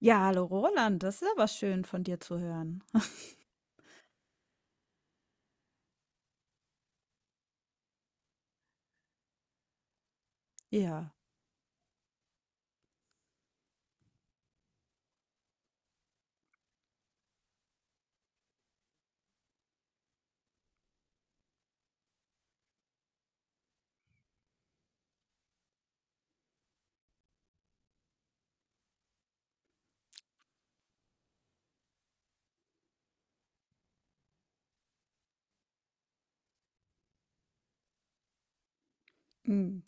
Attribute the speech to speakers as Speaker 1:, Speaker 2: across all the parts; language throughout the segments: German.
Speaker 1: Ja, hallo Roland, das ist aber schön von dir zu hören. Ja, hm,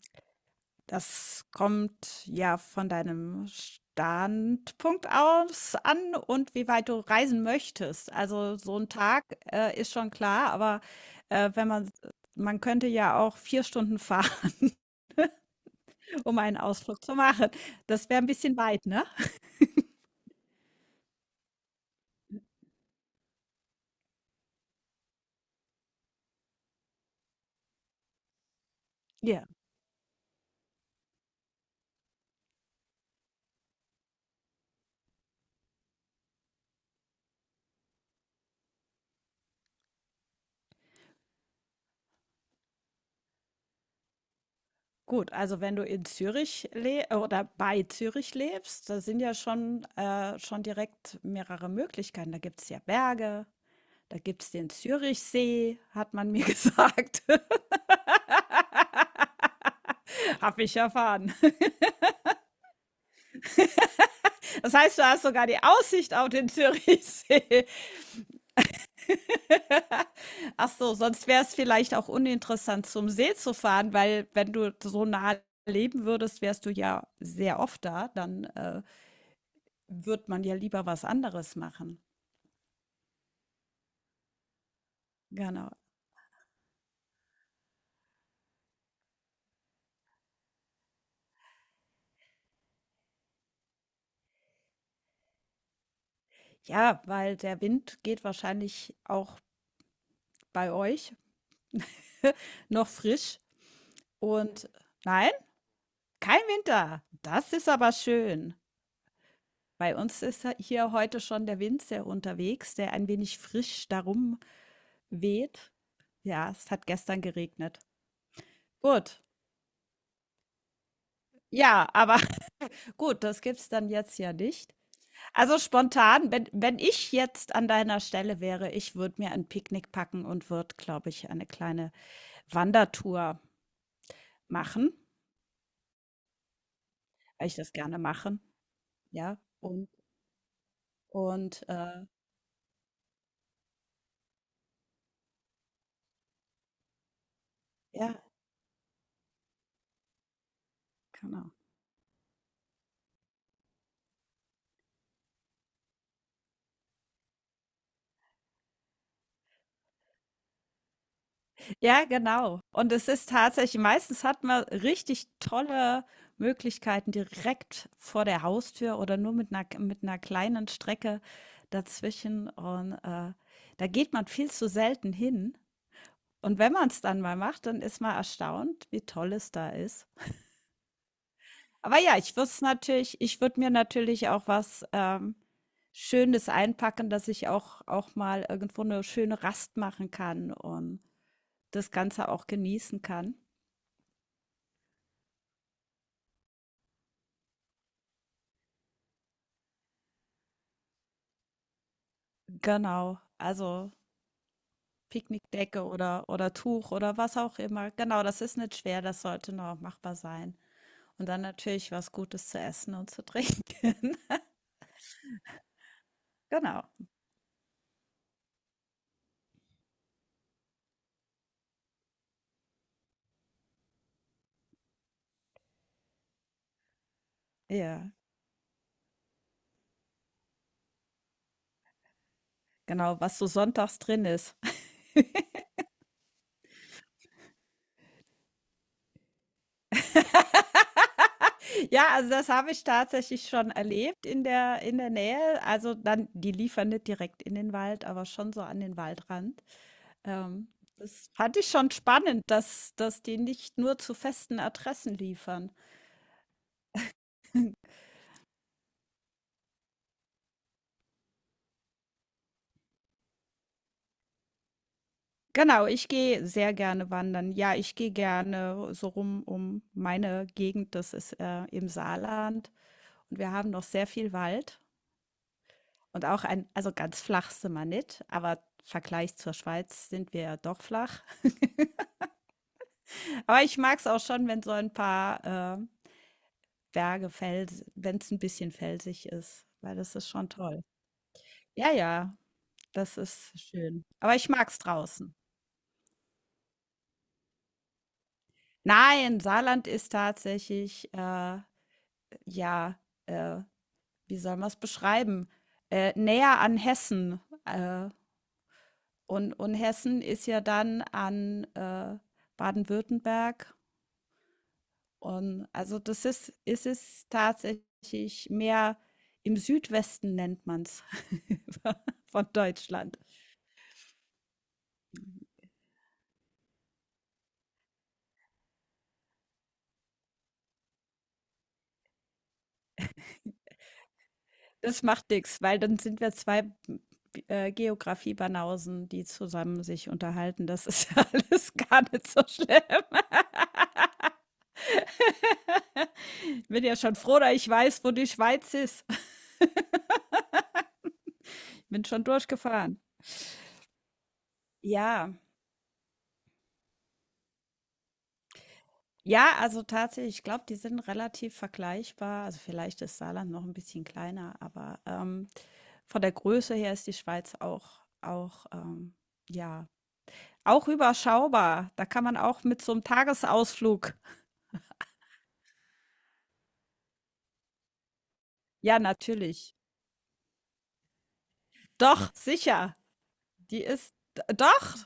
Speaker 1: das kommt ja von deinem Standpunkt aus an und wie weit du reisen möchtest. Also so ein Tag ist schon klar, aber wenn man, man könnte ja auch vier Stunden fahren, um einen Ausflug zu machen. Das wäre ein bisschen weit, ne? Ja. Gut, also wenn du in Zürich le oder bei Zürich lebst, da sind ja schon, schon direkt mehrere Möglichkeiten. Da gibt es ja Berge, da gibt es den Zürichsee, hat man mir gesagt. Habe ich erfahren. Das heißt, du hast sogar die Aussicht auf den Zürichsee. Ach so, sonst wäre es vielleicht auch uninteressant, zum See zu fahren, weil wenn du so nah leben würdest, wärst du ja sehr oft da, dann wird man ja lieber was anderes machen. Genau. Ja, weil der Wind geht wahrscheinlich auch bei euch noch frisch und nein, kein Winter. Das ist aber schön. Bei uns ist ja hier heute schon der Wind sehr unterwegs, der ein wenig frisch darum weht. Ja, es hat gestern geregnet. Gut. Ja, aber gut, das gibt's dann jetzt ja nicht. Also spontan, wenn ich jetzt an deiner Stelle wäre, ich würde mir ein Picknick packen und würde, glaube ich, eine kleine Wandertour machen, weil ich das gerne mache, ja, und ja, genau. Ja, genau. Und es ist tatsächlich meistens hat man richtig tolle Möglichkeiten direkt vor der Haustür oder nur mit einer kleinen Strecke dazwischen und da geht man viel zu selten hin. Und wenn man es dann mal macht, dann ist man erstaunt, wie toll es da ist. Aber ja, ich würde mir natürlich auch was, Schönes einpacken, dass ich auch mal irgendwo eine schöne Rast machen kann und das Ganze auch genießen kann. Genau, also Picknickdecke oder Tuch oder was auch immer. Genau, das ist nicht schwer, das sollte noch machbar sein. Und dann natürlich was Gutes zu essen und zu trinken. Genau. Ja, genau, was so sonntags drin ist. Ja, also das habe ich tatsächlich schon erlebt in der Nähe. Also dann die liefern nicht direkt in den Wald, aber schon so an den Waldrand. Ähm, Das fand ich schon spannend, dass die nicht nur zu festen Adressen liefern. Genau, ich gehe sehr gerne wandern. Ja, ich gehe gerne so rum um meine Gegend, das ist im Saarland. Und wir haben noch sehr viel Wald und auch ein, also ganz flach sind wir nicht, aber im Vergleich zur Schweiz sind wir ja doch flach. Aber ich mag es auch schon, wenn so ein paar äh, Berge, Fels, wenn es ein bisschen felsig ist, weil das ist schon toll. Ja, ja, das ist schön. Aber ich mag es draußen. Nein, Saarland ist tatsächlich, ja, äh, wie soll man es beschreiben, näher an Hessen, und Hessen ist ja dann an, Baden-Württemberg. Und also das ist ist es tatsächlich mehr im Südwesten nennt man's von Deutschland. Das macht nix, weil dann sind wir 2 Geografie-Banausen, die zusammen sich unterhalten. Das ist ja alles gar nicht so schlimm. Bin ja schon froh, dass ich weiß, wo die Schweiz ist. Bin schon durchgefahren. Ja. Ja, also tatsächlich, ich glaube, die sind relativ vergleichbar. Also vielleicht ist Saarland noch ein bisschen kleiner, aber von der Größe her ist die Schweiz ja, auch überschaubar. Da kann man auch mit so einem Tagesausflug. Ja, natürlich. Doch, sicher. Die ist, doch.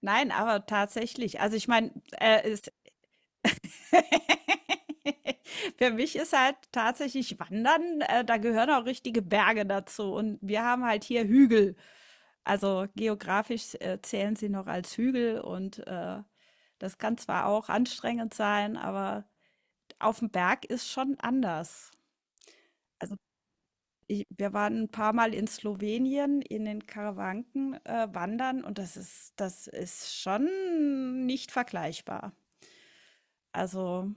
Speaker 1: Nein, aber tatsächlich. Also ich meine, für mich ist halt tatsächlich Wandern, da gehören auch richtige Berge dazu. Und wir haben halt hier Hügel. Also geografisch zählen sie noch als Hügel und das kann zwar auch anstrengend sein, aber auf dem Berg ist schon anders. Also ich, wir waren ein paar Mal in Slowenien in den Karawanken wandern und das ist schon nicht vergleichbar. Also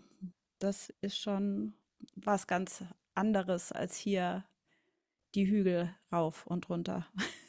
Speaker 1: das ist schon was ganz anderes als hier die Hügel rauf und runter.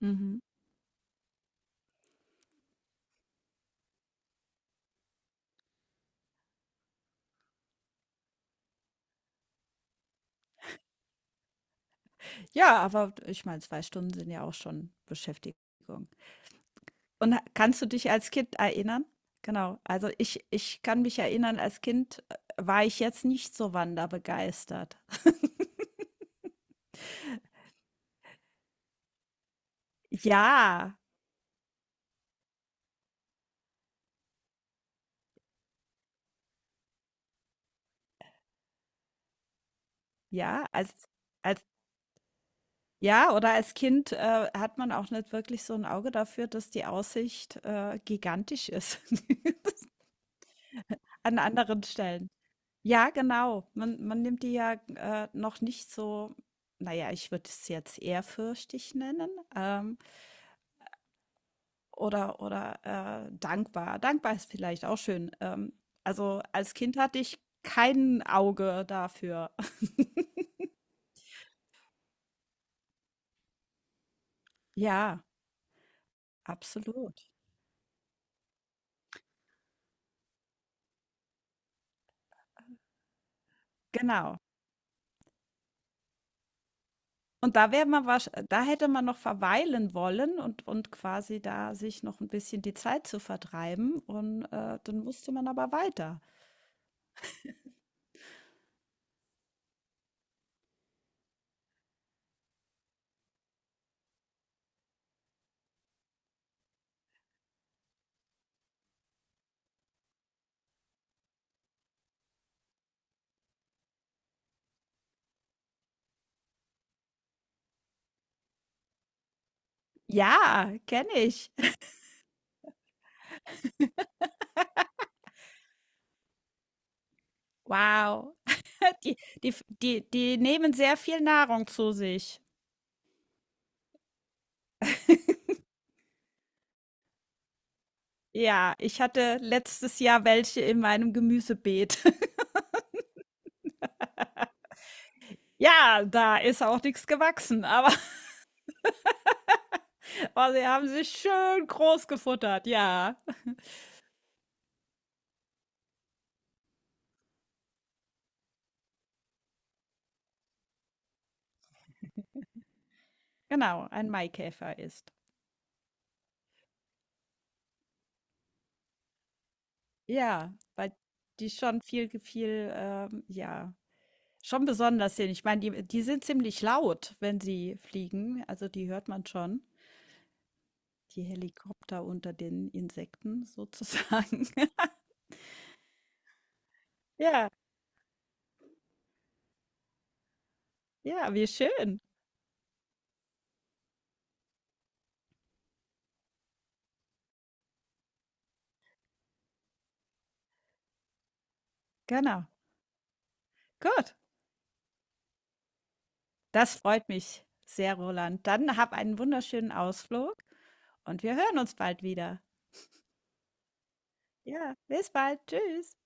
Speaker 1: Mhm. Ja, aber ich meine, 2 Stunden sind ja auch schon Beschäftigung. Und ha kannst du dich als Kind erinnern? Genau, also ich kann mich erinnern, als Kind, war ich jetzt nicht so wanderbegeistert. Ja, ja, als als ja, oder als Kind, hat man auch nicht wirklich so ein Auge dafür, dass die Aussicht, gigantisch ist. An anderen Stellen. Ja, genau. Man nimmt die ja, noch nicht so na ja, ich würde es jetzt ehrfürchtig nennen, ähm, oder oder, dankbar. Dankbar ist vielleicht auch schön. Also, als Kind hatte ich kein Auge dafür. Ja, absolut. Genau. Und da hätte man noch verweilen wollen und quasi da sich noch ein bisschen die Zeit zu vertreiben und dann musste man aber weiter. Ja, kenne ich. Wow. Die die nehmen sehr viel Nahrung zu sich. Ja, ich hatte letztes Jahr welche in meinem Gemüsebeet. Ja, da ist auch nichts gewachsen, aber aber sie haben sich schön groß gefuttert, ja. Genau, ein Maikäfer ist. Ja, weil die schon viel, schon besonders sind. Ich meine, die sind ziemlich laut, wenn sie fliegen, also die hört man schon. Die Helikopter unter den Insekten sozusagen. Ja, ja, wie schön. Genau. Gut. Das freut mich sehr, Roland. Dann hab einen wunderschönen Ausflug und wir hören uns bald wieder. Ja. Bis bald. Tschüss.